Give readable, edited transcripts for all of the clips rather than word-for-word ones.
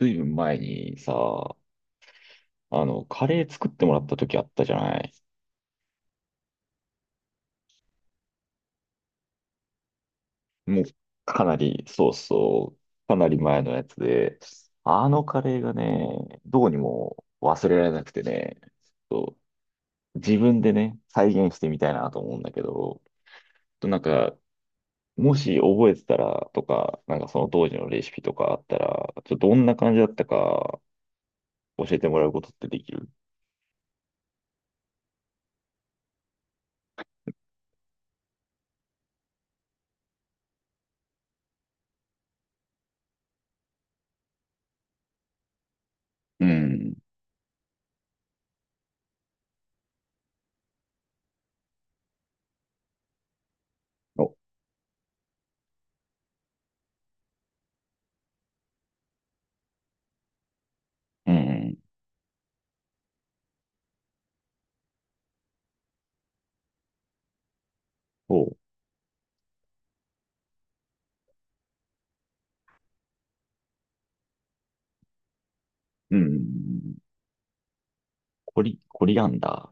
ずいぶん前にさ、カレー作ってもらった時あったじゃない。もう、かなり、そうそう、かなり前のやつで、あのカレーがね、どうにも忘れられなくてね、自分でね、再現してみたいなと思うんだけど、となんか、もし覚えてたらとか、なんかその当時のレシピとかあったら、ちょっとどんな感じだったか教えてもらうことってできる？うん。お、うん。おう。うん。コリアンダ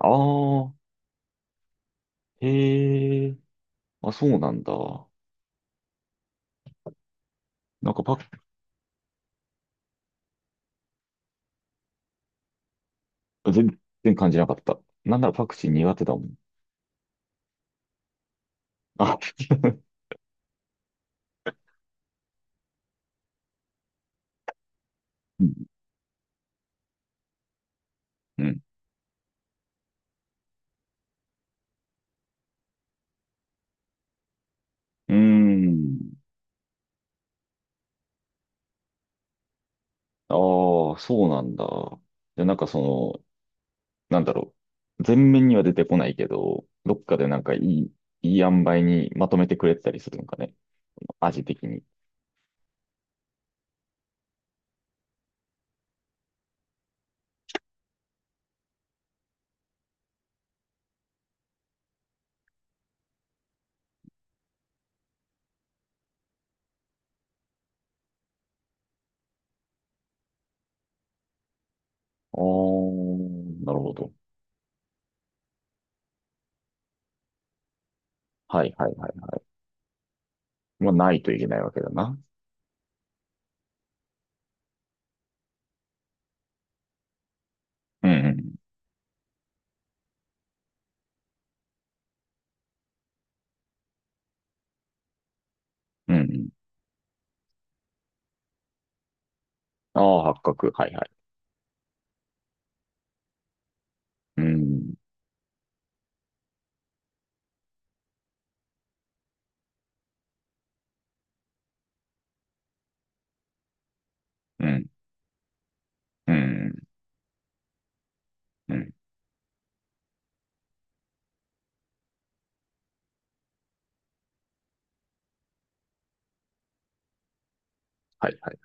ー。ああ、へえ、あ、そうなんだ。なんかパク、全然感じなかった。なんならパクチー苦手だもん。あ、うん。うん。うーん。ああ、そうなんだ。じゃあなんかの、なんだろう。全面には出てこないけど、どっかでなんかいい塩梅にまとめてくれてたりするのかね。味的に。ああ、なるほど。はいはいはいはい。まあ、ないといけないわけだな。うんうん。うんうん。ああ、八角。はいはい。うん。うんうん。うん。はいはい。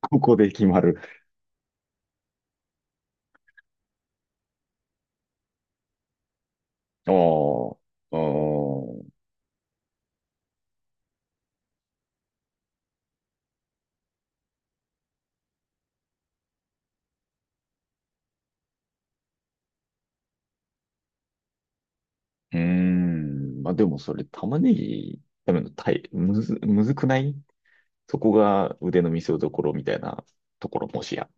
ここで決まる。ああ、ああ、うーん。まあでもそれ玉ねぎ食べるのたい、むず、むずくない？そこが腕の見せ所みたいなところもしや。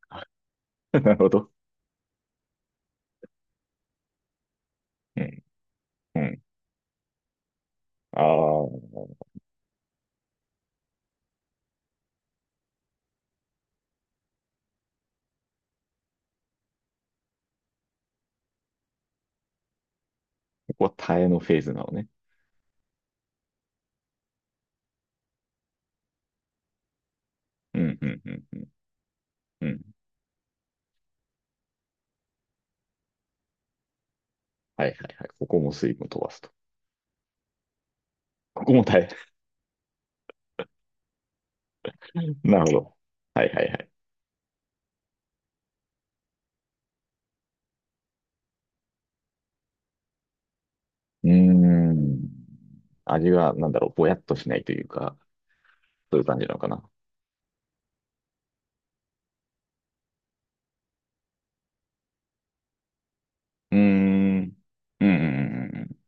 なるほど。うん、うん。ああ、ここは耐えのフェーズなのね。うん、うん、うん、うん。うん、はいはいはい。ここも水分飛ばすと。ここも耐え。なるほど。はいはいはい。うーん。味が、なんだろう、ぼやっとしないというか、そういう感じなのかな。うーん。うん。うんうんうん。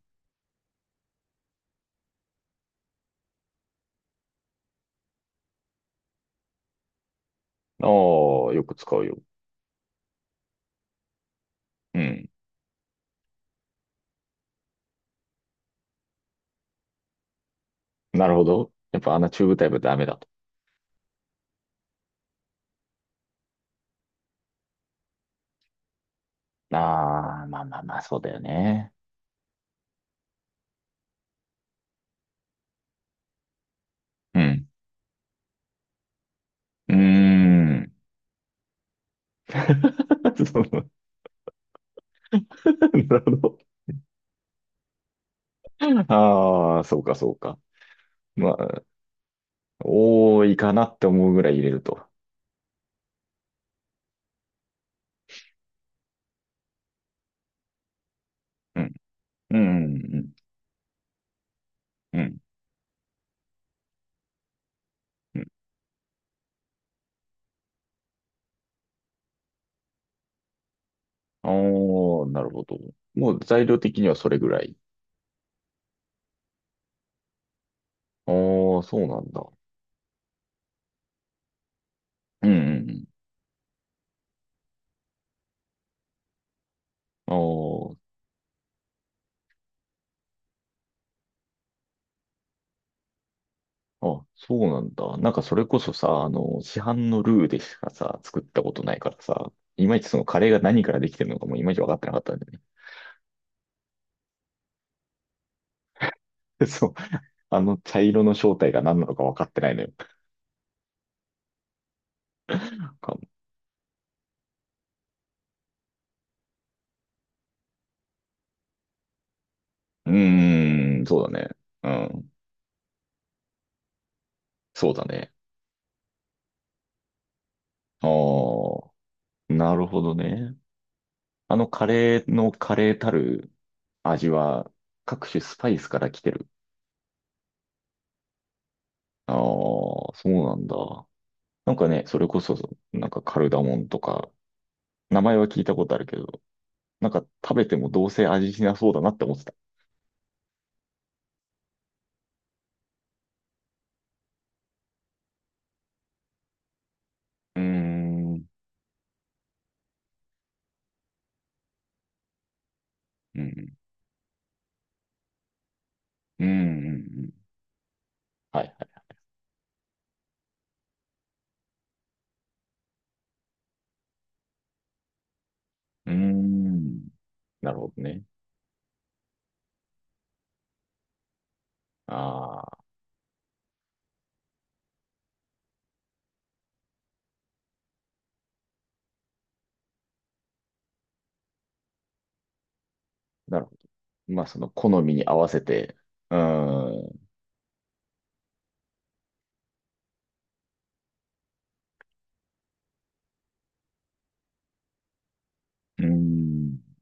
ああ、よく使うよ。うん。なるほど。やっぱあんなチューブタイプダメだと。ああ、まあまあまあ、そうだよね。うん。うーん。その、なるほど。ああ、そうか、そうか。まあ、多いかなって思うぐらい入れると。うん。うん。うん。うん。うん。おー、なるほど。もう材料的にはそれぐらい。ああ、そうなんだ。うんうんうん。ああ、あ、そうなんだ。なんかそれこそさ、市販のルーでしかさ、作ったことないからさ、いまいちそのカレーが何からできてるのかもいまいち分かってなかったんだよね。そう。あの茶色の正体が何なのか分かってないのよ。なんか、うーん、そうだね。うん、そうだね。ああ、なるほどね。あのカレーのカレーたる味は各種スパイスから来てる。ああ、そうなんだ。なんかね、それこそ、なんかカルダモンとか、名前は聞いたことあるけど、なんか食べてもどうせ味しなそうだなって思ってた。うーん。うん。うん。うん、はいはい。うーん。なるほどね。ああ、なるほど。まあその好みに合わせて、うーん。うーん。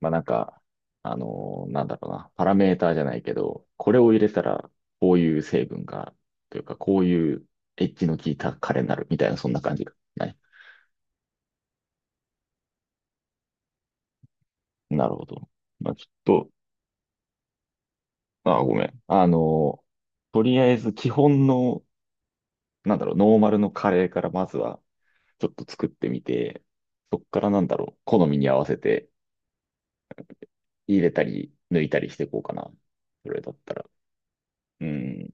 まあなんか、なんだろうな、パラメーターじゃないけど、これを入れたらこういう成分が、というかこういうエッジの効いたカレーになるみたいな、そんな感じがない？なるほど。まあちょっと、ああ、ごめん。とりあえず基本の、なんだろう、ノーマルのカレーからまずはちょっと作ってみて、そっからなんだろう、好みに合わせて入れたり抜いたりしていこうかな。それだったら。うん。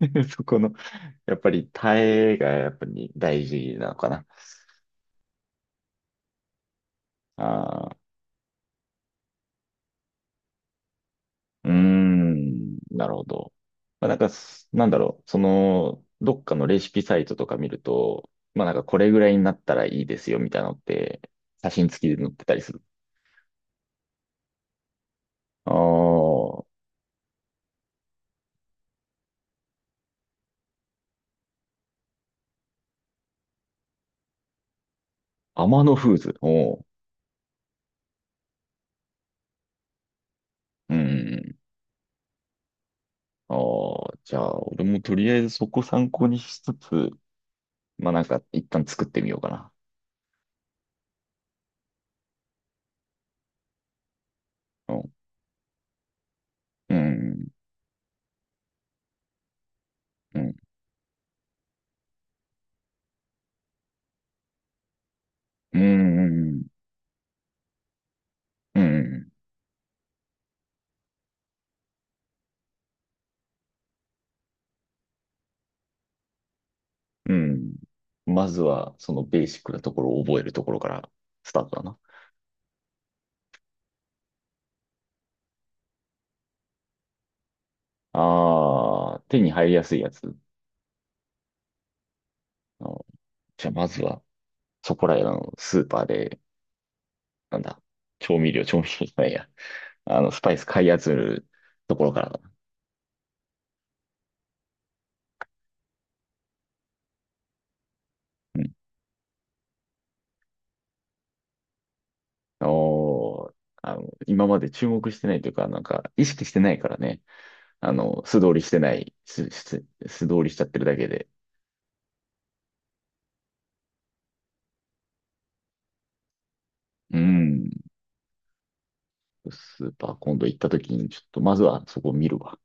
そこの、やっぱりタレがやっぱり大事なのかな。ああ。うーん、なるほど。まあ、なんかす、なんだろう、その、どっかのレシピサイトとか見ると、まあなんかこれぐらいになったらいいですよみたいなのって、写真付きで載ってたりする。ああ、天野フーズ。おう。うん。ああ、じゃあ、俺もとりあえずそこ参考にしつつ、まあなんか一旦作ってみようかな。うん。うん。うん。うん。うん。うん。うん。まずは、そのベーシックなところを覚えるところからスタートだな。ああ、手に入りやすいやつ。あー、じゃあ、まずは、そこらへんのスーパーで、なんだ、調味料、調味料じゃないや。あの、スパイス買い集めるところからだな。うん。おー、あの、今まで注目してないというか、なんか、意識してないからね。あの、素通りしちゃってるだけで。うん。スーパー今度行った時に、ちょっと、まずはそこを見るわ。